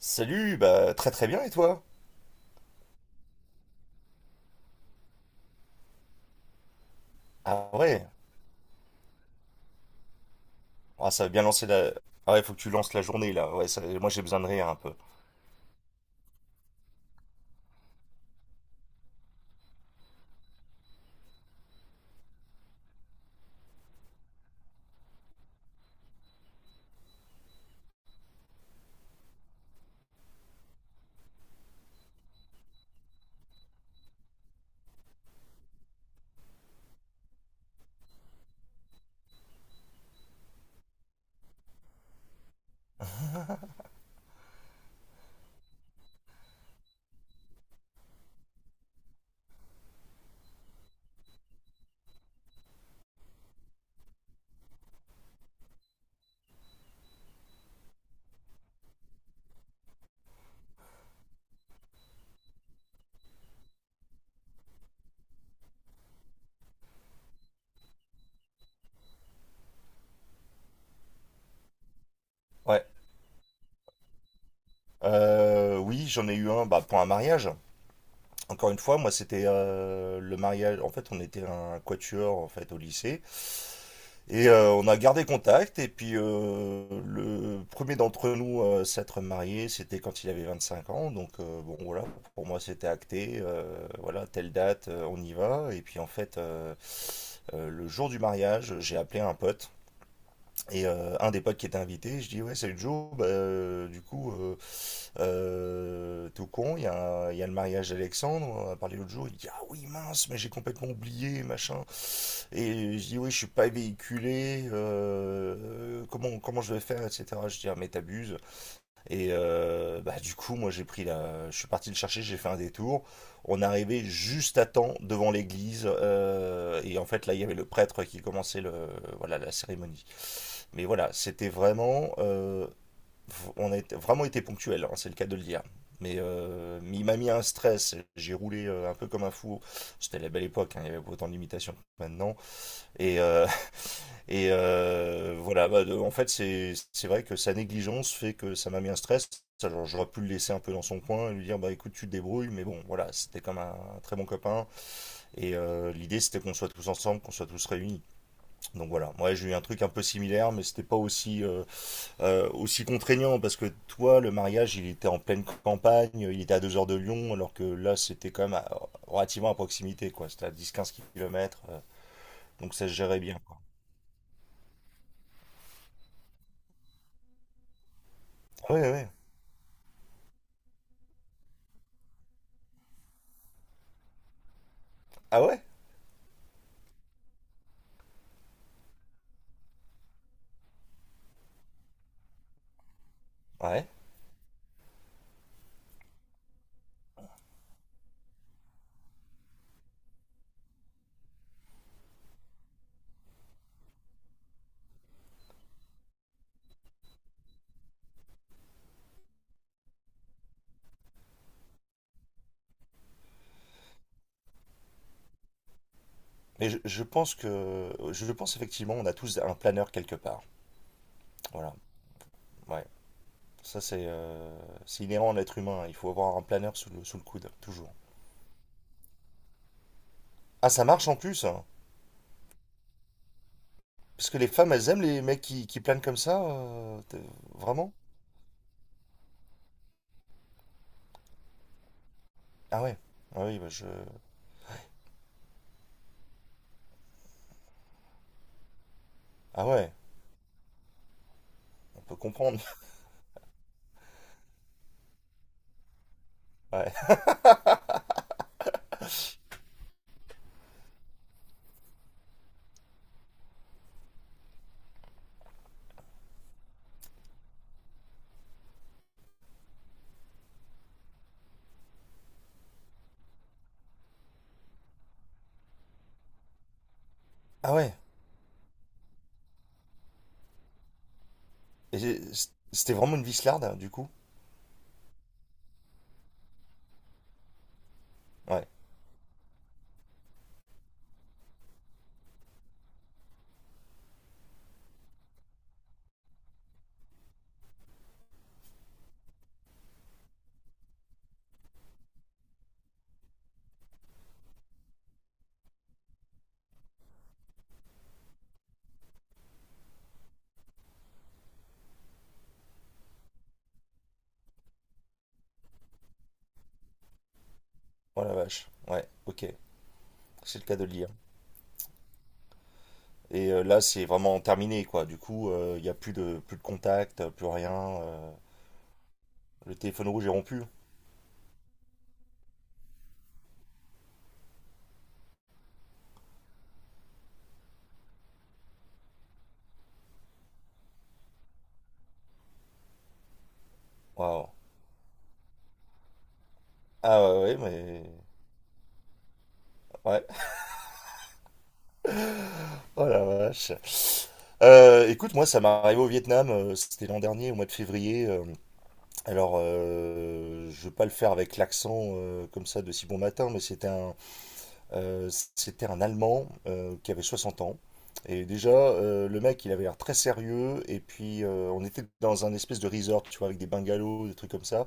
Salut, bah très très bien et toi? Ah ouais, ah, ça va bien lancer la. Ah ouais, faut que tu lances la journée là, ouais, moi j'ai besoin de rire un peu. Ouais, oui, j'en ai eu un, bah, pour un mariage. Encore une fois, moi c'était le mariage, en fait on était un quatuor en fait au lycée. Et on a gardé contact. Et puis, le premier d'entre nous s'être marié, c'était quand il avait 25 ans. Donc, bon, voilà, pour moi, c'était acté. Voilà, telle date, on y va. Et puis, en fait, le jour du mariage, j'ai appelé un pote. Et un des potes qui était invité, je dis, ouais, salut Joe. Bah, du coup, tout con, il y a le mariage d'Alexandre. On a parlé l'autre jour. Il dit, ah oui, mince, mais j'ai complètement oublié, machin. Et je dis, oui, je suis pas véhiculé, comment je vais faire, etc. Je dis, ah, mais t'abuses. Et bah, du coup, moi, j'ai pris je suis parti le chercher, j'ai fait un détour. On arrivait juste à temps devant l'église. Et en fait, là, il y avait le prêtre qui commençait le, voilà, la cérémonie. Mais voilà, c'était vraiment. Vraiment été ponctuel, hein, c'est le cas de le dire. Mais il m'a mis un stress. J'ai roulé un peu comme un fou. C'était la belle époque, hein, il y avait pas autant de limitations que maintenant. Et, euh, et, voilà, bah, en fait, c'est vrai que sa négligence fait que ça m'a mis un stress. Alors, j'aurais pu le laisser un peu dans son coin et lui dire, bah écoute, tu te débrouilles, mais bon, voilà, c'était comme un très bon copain. Et l'idée, c'était qu'on soit tous ensemble, qu'on soit tous réunis. Donc voilà, moi, j'ai eu un truc un peu similaire, mais c'était pas aussi, aussi contraignant parce que toi, le mariage, il était en pleine campagne, il était à 2 heures de Lyon, alors que là, c'était quand même relativement à proximité, quoi. C'était à 10 15 kilomètres, donc ça se gérait bien, quoi. Ah ouais, ouais. Ah ouais? Ouais. Mais je pense que, je pense effectivement, on a tous un planeur quelque part. Voilà. Ouais. Ça, c'est inhérent à l'être humain. Il faut avoir un planeur sous le coude, toujours. Ah, ça marche en plus, hein. Parce que les femmes, elles aiment les mecs qui planent comme ça. Vraiment? Ah ouais. Ah oui, bah je. Ah ouais, on peut comprendre. Ouais. Ah ouais. Et j'ai- C'était vraiment une vislarde, hein, du coup? Ouais. Oh la vache. Ouais, ok. C'est le cas de le dire. Et là, c'est vraiment terminé, quoi. Du coup, il n'y a plus de contact, plus rien. euh, Le téléphone rouge est rompu, hein. Waouh. Ah ouais, ouais, mais. Ouais. Oh la vache. Écoute, moi, ça m'est arrivé au Vietnam. C'était l'an dernier, au mois de février. Alors, je vais pas le faire avec l'accent comme ça de si bon matin, mais euh, c'était un Allemand qui avait 60 ans. Et déjà, le mec, il avait l'air très sérieux. Et puis, on était dans un espèce de resort, tu vois, avec des bungalows, des trucs comme ça.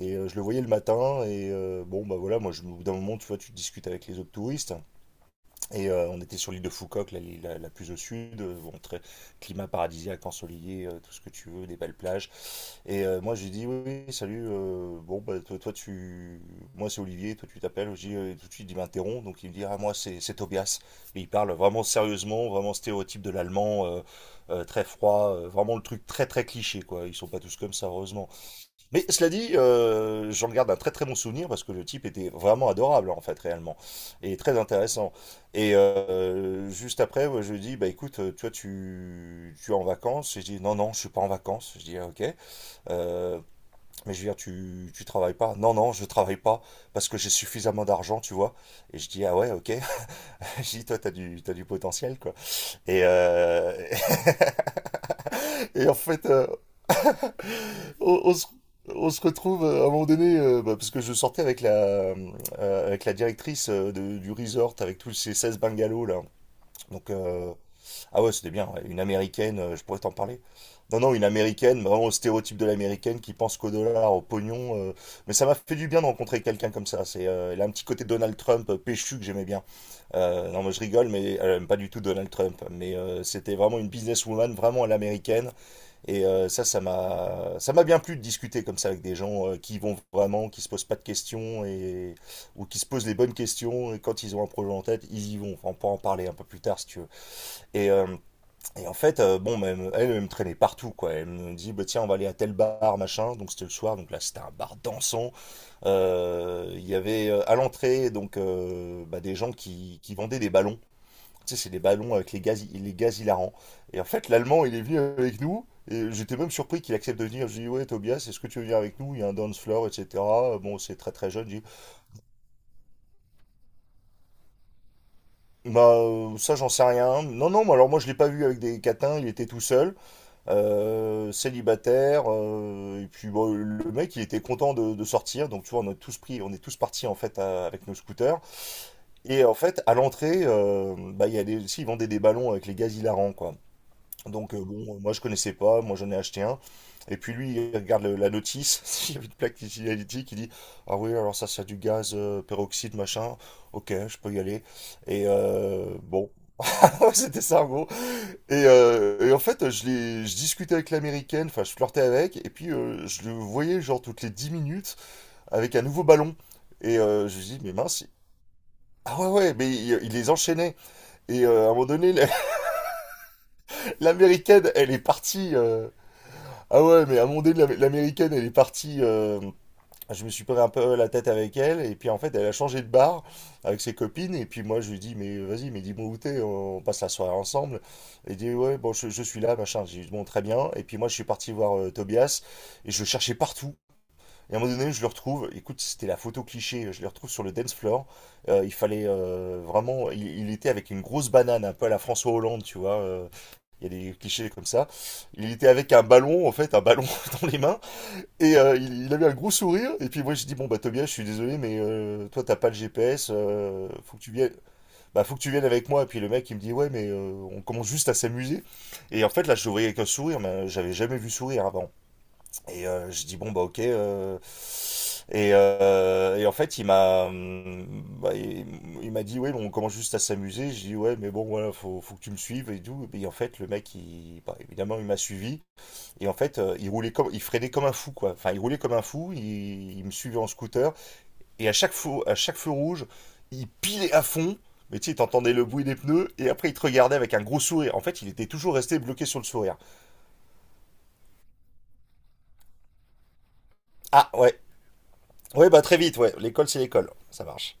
Et je le voyais le matin. Et bon, bah voilà, moi, au bout d'un moment, tu vois, tu discutes avec les autres touristes. Et on était sur l'île de Foucault, la plus au sud, bon, climat paradisiaque, ensoleillé, tout ce que tu veux, des belles plages. Et moi, j'ai dit, oui, oui, salut, bon, bah, tu. Moi, c'est Olivier, toi, tu t'appelles. Je dis, tout de suite, il m'interrompt, donc il me dit, ah, moi, c'est Tobias. Et il parle vraiment sérieusement, vraiment stéréotype de l'allemand, très froid, vraiment le truc très, très cliché, quoi. Ils sont pas tous comme ça, heureusement. Mais cela dit, j'en garde un très très bon souvenir parce que le type était vraiment adorable en fait réellement et très intéressant. Et juste après, ouais, je lui dis bah écoute, toi tu es en vacances. Et je dis non non, je suis pas en vacances. Je dis ah, ok. Euh, mais je veux dire, tu travailles pas. Non non, je travaille pas parce que j'ai suffisamment d'argent, tu vois. Et je dis ah ouais ok. Je dis toi t'as du potentiel quoi. Et et en fait, on, on se, on se retrouve à un moment donné, bah, parce que je sortais avec la directrice du resort, avec tous ces 16 bungalows là. Donc, ah ouais, c'était bien, ouais. Une américaine, je pourrais t'en parler. Non, non, une américaine, vraiment au stéréotype de l'américaine qui pense qu'au dollar, au pognon. Mais ça m'a fait du bien de rencontrer quelqu'un comme ça. Elle a un petit côté Donald Trump péchu que j'aimais bien. Non, moi je rigole, mais elle aime pas du tout Donald Trump. Mais c'était vraiment une businesswoman, vraiment à l'américaine. Et ça m'a bien plu de discuter comme ça avec des gens qui y vont vraiment, qui se posent pas de questions et ou qui se posent les bonnes questions. Et quand ils ont un projet en tête, ils y vont. Enfin, on peut en parler un peu plus tard si tu veux. Et, euh, et en fait, bon, bah, elle me traînait partout, quoi. Elle me dit, bah, tiens, on va aller à tel bar, machin. Donc c'était le soir. Donc là, c'était un bar dansant. Il y avait à l'entrée donc bah, des gens qui vendaient des ballons. Tu sais, c'est des ballons avec les gaz hilarants. Et en fait, l'allemand, il est venu avec nous. Et j'étais même surpris qu'il accepte de venir. Je lui dis, ouais, Tobias, est-ce que tu veux venir avec nous? Il y a un dance floor, etc. Bon, c'est très très jeune. Je dis, bah, ça, j'en sais rien. Non, non, mais alors moi, je l'ai pas vu avec des catins. Il était tout seul, célibataire. Et puis, bon, le mec, il était content de sortir. Donc, tu vois, on a tous pris, on est tous partis, en fait, avec nos scooters. Et en fait, à l'entrée, bah, il y a des, si, ils vendaient des ballons avec les gaz hilarants, quoi. Donc bon, moi je connaissais pas, moi j'en ai acheté un. Et puis lui, il regarde la notice, il y avait une plaque d'utility qui dit, ah oui, alors ça c'est du gaz peroxyde machin, ok, je peux y aller. Et bon, c'était ça en gros. Et en fait, je discutais avec l'américaine, enfin je flirtais avec, et puis je le voyais genre toutes les 10 minutes avec un nouveau ballon. Et je lui dis, mais mince. Ah ouais, ouais, mais il les enchaînait. Et à un moment donné, l'américaine, elle est partie. Ah ouais, mais à mon délire, l'américaine, elle est partie. Je me suis pris un peu la tête avec elle, et puis en fait, elle a changé de bar avec ses copines, et puis moi, je lui dis, mais vas-y, mais dis-moi où t'es, on passe la soirée ensemble. Elle dit, ouais, bon, je suis là, machin. J'ai dit, bon, très bien. Et puis moi, je suis parti voir Tobias, et je le cherchais partout. Et à un moment donné, je le retrouve. Écoute, c'était la photo cliché. Je le retrouve sur le dance floor. Il fallait vraiment. Il était avec une grosse banane, un peu à la François Hollande, tu vois. Il y a des clichés comme ça. Il était avec un ballon, en fait, un ballon dans les mains. Et il avait un gros sourire. Et puis moi, je dis bon bah Tobias, je suis désolé, mais toi t'as pas le GPS. Faut que tu viennes. Bah faut que tu viennes avec moi. Et puis le mec, il me dit ouais, mais on commence juste à s'amuser. Et en fait, là, je le voyais avec un sourire, mais j'avais jamais vu sourire avant. Et je dis bon bah ok, et en fait il m'a dit ouais bon, on commence juste à s'amuser. Je dis ouais mais bon voilà, faut que tu me suives et tout, et en fait le mec il, bah, évidemment il m'a suivi. Et en fait il roulait comme il freinait comme un fou quoi, enfin il roulait comme un fou, il me suivait en scooter, et à chaque feu rouge il pilait à fond, mais tu sais t'entendais le bruit des pneus et après il te regardait avec un gros sourire, en fait il était toujours resté bloqué sur le sourire. Ah ouais ouais, bah très vite ouais, l'école c'est l'école, ça marche